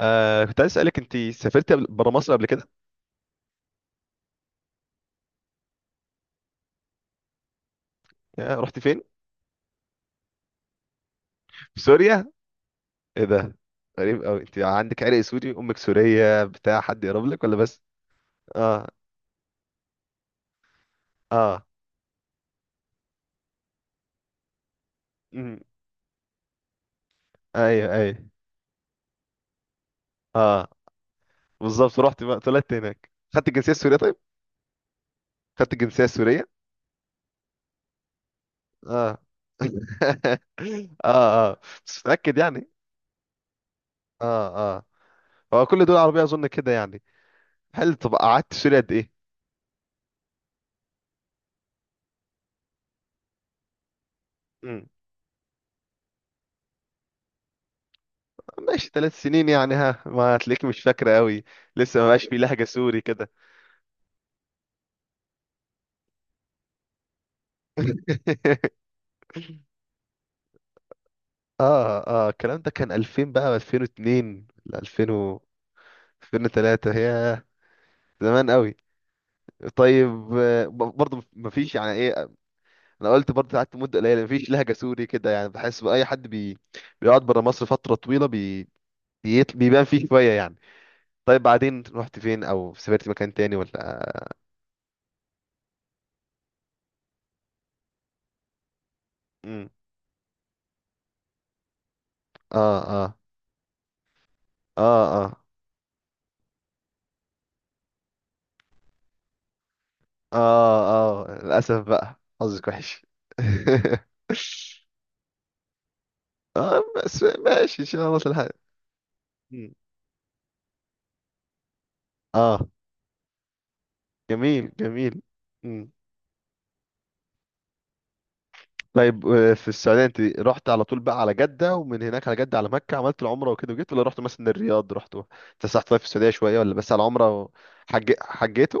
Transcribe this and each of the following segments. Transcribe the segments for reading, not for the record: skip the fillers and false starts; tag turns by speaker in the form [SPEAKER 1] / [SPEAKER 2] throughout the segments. [SPEAKER 1] كنت عايز اسالك، انت سافرت بره مصر قبل كده؟ رحت فين؟ في سوريا. ايه ده! غريب قوي، انت عندك عرق سوري؟ امك سوريه، بتاع حد يقرب لك ولا بس؟ اه اه. امم. ايوه ايوه. اه بالظبط، رحت بقى طلعت هناك خدت الجنسيه السوريه؟ طيب، خدت الجنسيه السوريه؟ اه. اه اه، بس متاكد يعني؟ اه اه، هو كل دول عربيه اظن كده يعني. هل، طب قعدت سوريا قد ايه؟ ماشي، ثلاث سنين يعني، ها ما هتلاقيك مش فاكرة قوي، لسه ما بقاش في لهجة سوري كده. اه اه. الكلام ده كان 2000، بقى 2002 ل 2000 و 2003 هي. زمان قوي. طيب، برضه مفيش يعني ايه. انا قلت برضه قعدت مده قليله، مفيش لهجه سوري كده. يعني بحس باي حد بيقعد بره مصر فتره طويله بيبان فيه شويه يعني. طيب، بعدين رحت فين او سافرت مكان تاني ولا؟ امم. اه اه. اه اه. اه اه. للأسف بقى، حظك وحش. اه، بس ماشي ان شاء الله تلحق. مم. اه، جميل جميل. مم. طيب، في السعودية انت رحت على طول بقى على جدة؟ ومن هناك على جدة على مكة عملت العمرة وكده وجيت، ولا رحت مثلا الرياض، رحت اتفسحت طيب في السعودية شوية، ولا بس على العمرة حجيتوا؟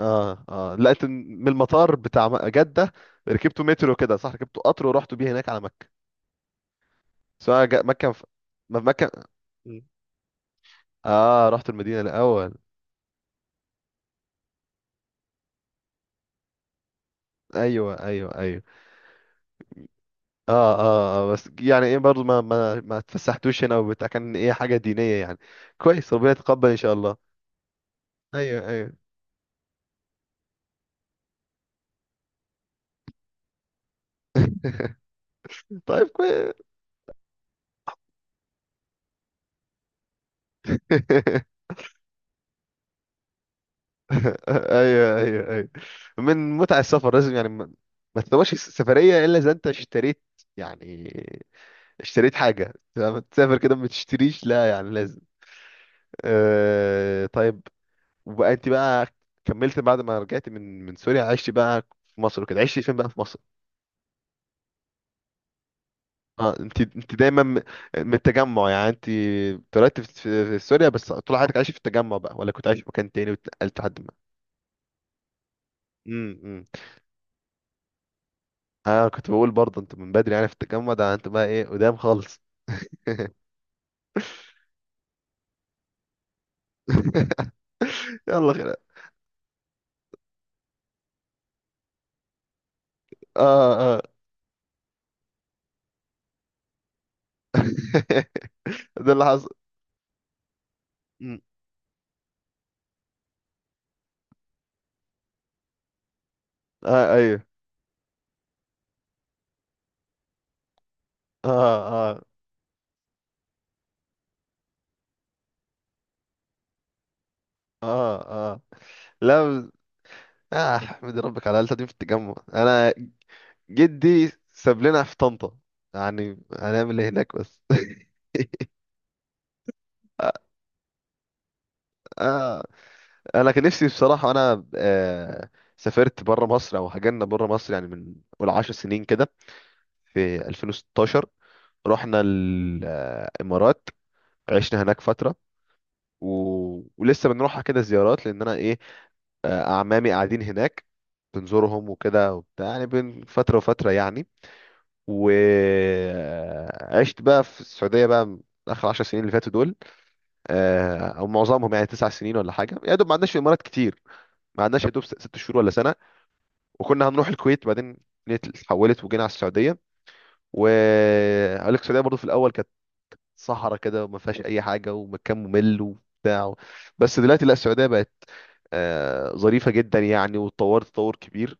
[SPEAKER 1] اه اه، لا انت من المطار بتاع جدة ركبتوا مترو كده صح، ركبتوا قطر ورحتوا بيه هناك على مكة؟ سواء مكة ف...، ما في مكة. اه، رحت المدينة الأول. ايوه ايوه ايوه. اه اه، بس يعني ايه، برضو ما اتفسحتوش هنا وبتاع، كان ايه حاجة دينية يعني. كويس، ربنا يتقبل ان شاء الله. ايوه ايوه. طيب كويس. ايوه ايوه ايوه. من متع السفر لازم يعني، ما ما تسواش سفرية الا اذا انت اشتريت، يعني اشتريت حاجة لما تسافر كده، ما تشتريش لا يعني لازم. طيب. وبقى انت بقى كملت بعد ما رجعت من سوريا، عشت بقى في مصر وكده، عشت فين بقى في مصر؟ اه، انت دايما من التجمع يعني، انت اتولدت في سوريا، بس طول حياتك عايش في التجمع بقى؟ ولا كنت عايش في مكان تاني واتنقلت لحد ما. امم. اه، كنت بقول برضه انت من بدري يعني في التجمع ده، انت بقى ايه قدام خالص. يلا خير. اه اه. ده اللي حصل. مم. اه. ايوه. اه اه. اه اه. لا. اه، احمد ربك على القلتة دي في التجمع، انا جدي ساب لنا في طنطا، يعني هنعمل ايه هناك بس. آه. انا كان نفسي بصراحه انا، سافرت بره مصر او هاجرنا بره مصر يعني، من قول 10 سنين كده، في 2016 رحنا الامارات، عشنا هناك فتره و...، ولسه بنروحها كده زيارات، لان انا ايه، اعمامي قاعدين هناك، بنزورهم وكده وبتاع يعني بين فتره وفتره يعني. وعشت بقى في السعودية بقى آخر عشر سنين اللي فاتوا دول، أو معظمهم، يعني تسع سنين ولا حاجة، يا دوب ما عندناش في الإمارات كتير، ما عندناش يا دوب ست شهور ولا سنة. وكنا هنروح الكويت بعدين، الدنيا اتحولت وجينا على السعودية. وأقول لك السعودية برضو في الأول كانت صحراء كده، وما فيهاش أي حاجة ومكان ممل وبتاع. بس دلوقتي لا، السعودية بقت ظريفة جدا يعني، واتطورت تطور كبير.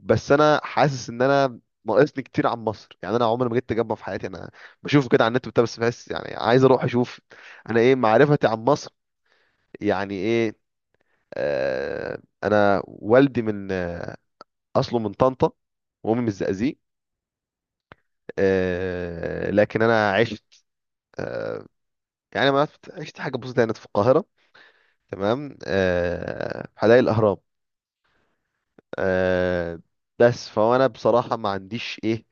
[SPEAKER 1] بس انا حاسس ان انا ناقصني كتير عن مصر. يعني انا عمري ما جيت تجمع في حياتي، انا بشوفه كده على النت بتاع بس بحس يعني عايز اروح اشوف. انا ايه معرفتي عن مصر، يعني ايه؟ انا والدي من اصله من طنطا، وامي من الزقازيق. لكن انا عشت آه يعني ما عشت عشت حاجه بسيطه هنا في القاهره. تمام، في حدائق الاهرام. آه بس فهو انا بصراحه ما عنديش ايه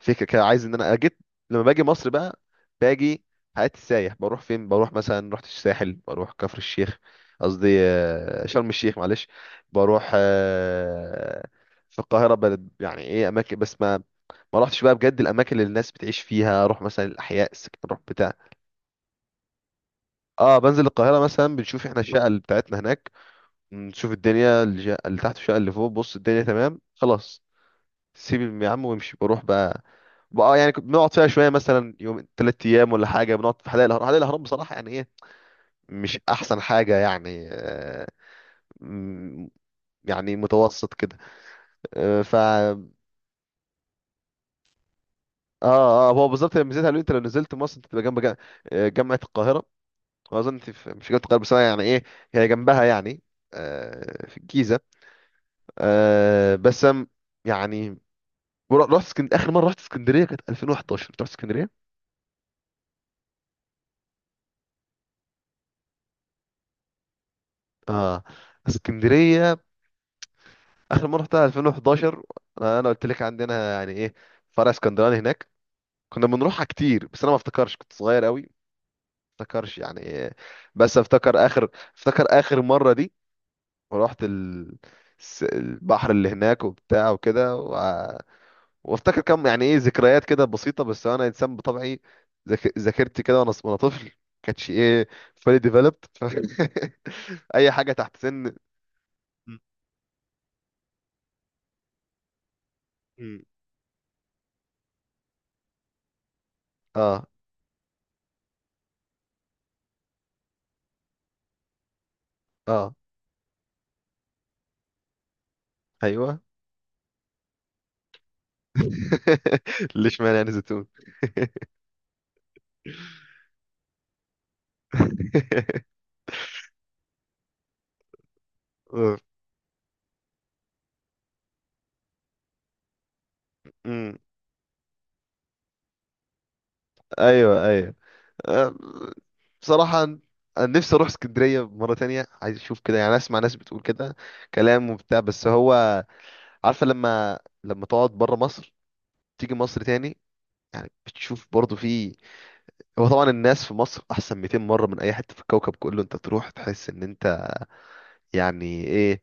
[SPEAKER 1] فكره كده، عايز ان انا اجيت. لما باجي مصر بقى، باجي حياتي سايح، بروح فين؟ بروح مثلا رحت الساحل، بروح كفر الشيخ، قصدي شرم الشيخ معلش. بروح في القاهره بلد، يعني ايه اماكن، بس ما ما رحتش بقى بجد الاماكن اللي الناس بتعيش فيها. اروح مثلا الاحياء السكن اروح بتاع. اه، بنزل القاهره مثلا، بنشوف احنا الشقه اللي بتاعتنا هناك، نشوف الدنيا اللي تحت والشقه اللي فوق، بص الدنيا تمام خلاص، سيب يا عم وامشي بروح بقى. بقى يعني كنت بنقعد فيها شويه، مثلا يوم تلات ايام ولا حاجه، بنقعد في حدائق الاهرام. حدائق الاهرام بصراحه يعني ايه، مش احسن حاجه يعني. م- يعني متوسط كده. آه، ف اه اه، هو بالظبط لما نزلت قالوا لي انت لو نزلت مصر انت تبقى جنب جامعه القاهره. واظن انت مش جامعه القاهره بس أنا يعني ايه هي جنبها يعني، في الجيزه. آه، بس أم- يعني ورحت اسكندريه، اخر مره رحت اسكندريه كانت 2011. رحت اسكندريه اه، اسكندريه اخر مره رحتها 2011. انا، أنا قلت لك عندنا يعني ايه، فرع اسكندراني هناك، كنا بنروحها كتير. بس انا ما افتكرش، كنت صغير قوي ما افتكرش يعني إيه. بس افتكر اخر، افتكر اخر مره دي، ورحت ال... البحر اللي هناك وبتاع وكده و...، وافتكر كم يعني ايه ذكريات كده بسيطه. بس انا انسان بطبعي ذاكرتي كده، وانا طفل كانتش ايه fully developed. ف... اي حاجه تحت سن م- م. اه اه. ايوه. ليش معنى يعني زيتون؟ أوف. أمم. ايوه ايوه. أم، بصراحة انا نفسي اروح اسكندرية مرة تانية، عايز اشوف كده، يعني اسمع ناس بتقول كده كلام وبتاع. بس هو، عارفة لما لما تقعد بره مصر تيجي مصر تاني، يعني بتشوف برضه في، هو طبعا الناس في مصر احسن 200 مرة من اي حتة في الكوكب كله. انت تروح تحس ان انت يعني ايه،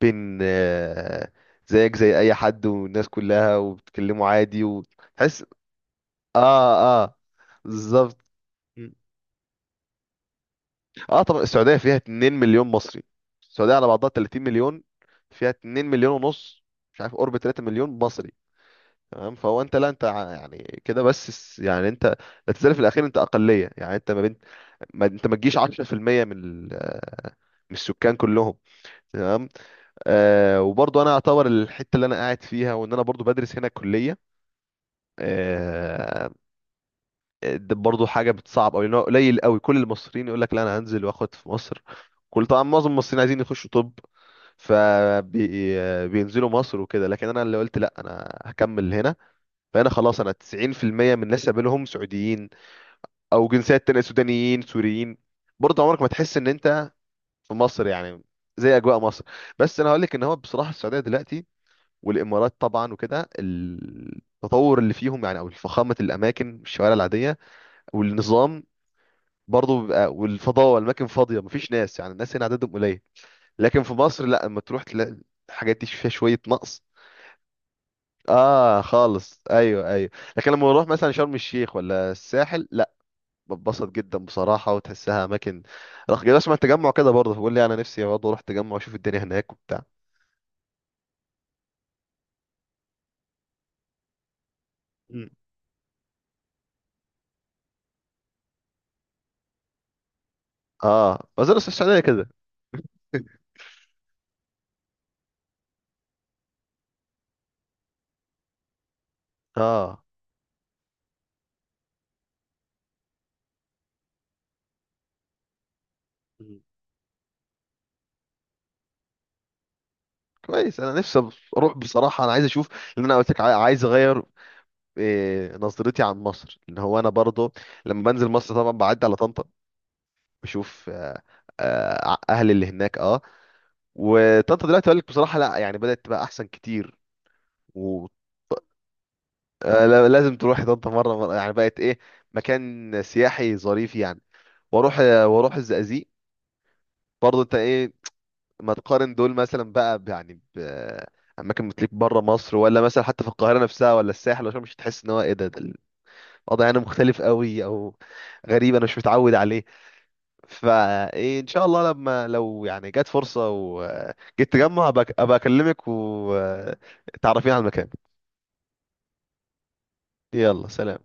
[SPEAKER 1] بين زيك زي اي حد، والناس كلها وبتكلموا عادي وتحس. اه اه، بالظبط. مم. اه، طبعا السعوديه فيها 2 مليون مصري. السعوديه على بعضها 30 مليون، فيها 2 مليون ونص، مش عارف قرب 3 مليون مصري. تمام، فهو انت لا انت يعني كده، بس يعني انت لا تزال في الاخير انت اقليه، يعني انت ما بين، ما انت ما تجيش 10% من من السكان كلهم. تمام. وبرضه انا اعتبر الحته اللي انا قاعد فيها، وان انا برضه بدرس هنا كليه، ده برضه حاجه بتصعب قوي، لان هو قليل قوي. كل المصريين يقول لك لا انا هنزل واخد في مصر، كل، طبعا معظم المصريين عايزين يخشوا طب، فبينزلوا مصر وكده. لكن انا اللي قلت لا انا هكمل هنا. فانا خلاص انا 90% من الناس اللي قابلهم سعوديين او جنسيات تانية، سودانيين سوريين. برضه عمرك ما تحس ان انت في مصر يعني، زي اجواء مصر. بس انا هقول لك ان هو بصراحه السعوديه دلوقتي والامارات طبعا وكده، التطور اللي فيهم يعني او فخامه الاماكن، الشوارع العاديه والنظام، برضه بيبقى، والفضاء والاماكن فاضيه مفيش ناس، يعني الناس هنا عددهم قليل. لكن في مصر لا، اما تروح تلاقي الحاجات دي فيها شويه نقص. اه خالص، ايوه ايوه. لكن لما نروح مثلا شرم الشيخ ولا الساحل لا، بتبسط جدا بصراحه وتحسها اماكن رخ كده. اسمع التجمع كده برضه، بقول لي انا نفسي برضه اروح التجمع واشوف الدنيا هناك وبتاع. مم. اه، وزير السعوديه كده. اه. مم. كويس، انا نفسي اروح بصراحه، انا عايز اشوف، لان انا قلت لك عايز اغير إيه نظرتي عن مصر. ان هو انا برضو لما بنزل مصر طبعا بعدي على طنطا، بشوف اهلي اللي هناك اه. وطنطا دلوقتي اقول لك بصراحه لا، يعني بدات تبقى احسن كتير و لازم تروحي طنطا مره مره، يعني بقت ايه مكان سياحي ظريف يعني. واروح واروح الزقازيق. برضو انت ايه، ما تقارن دول مثلا بقى يعني ب اماكن بتليك بره مصر، ولا مثلا حتى في القاهره نفسها ولا الساحل، عشان مش تحس ان هو ايه ده، ده الوضع هنا مختلف قوي او غريب انا مش متعود عليه. فايه ان شاء الله لما لو يعني جت فرصة وجيت تجمع، أبقى اكلمك وتعرفين على المكان. يلا سلام.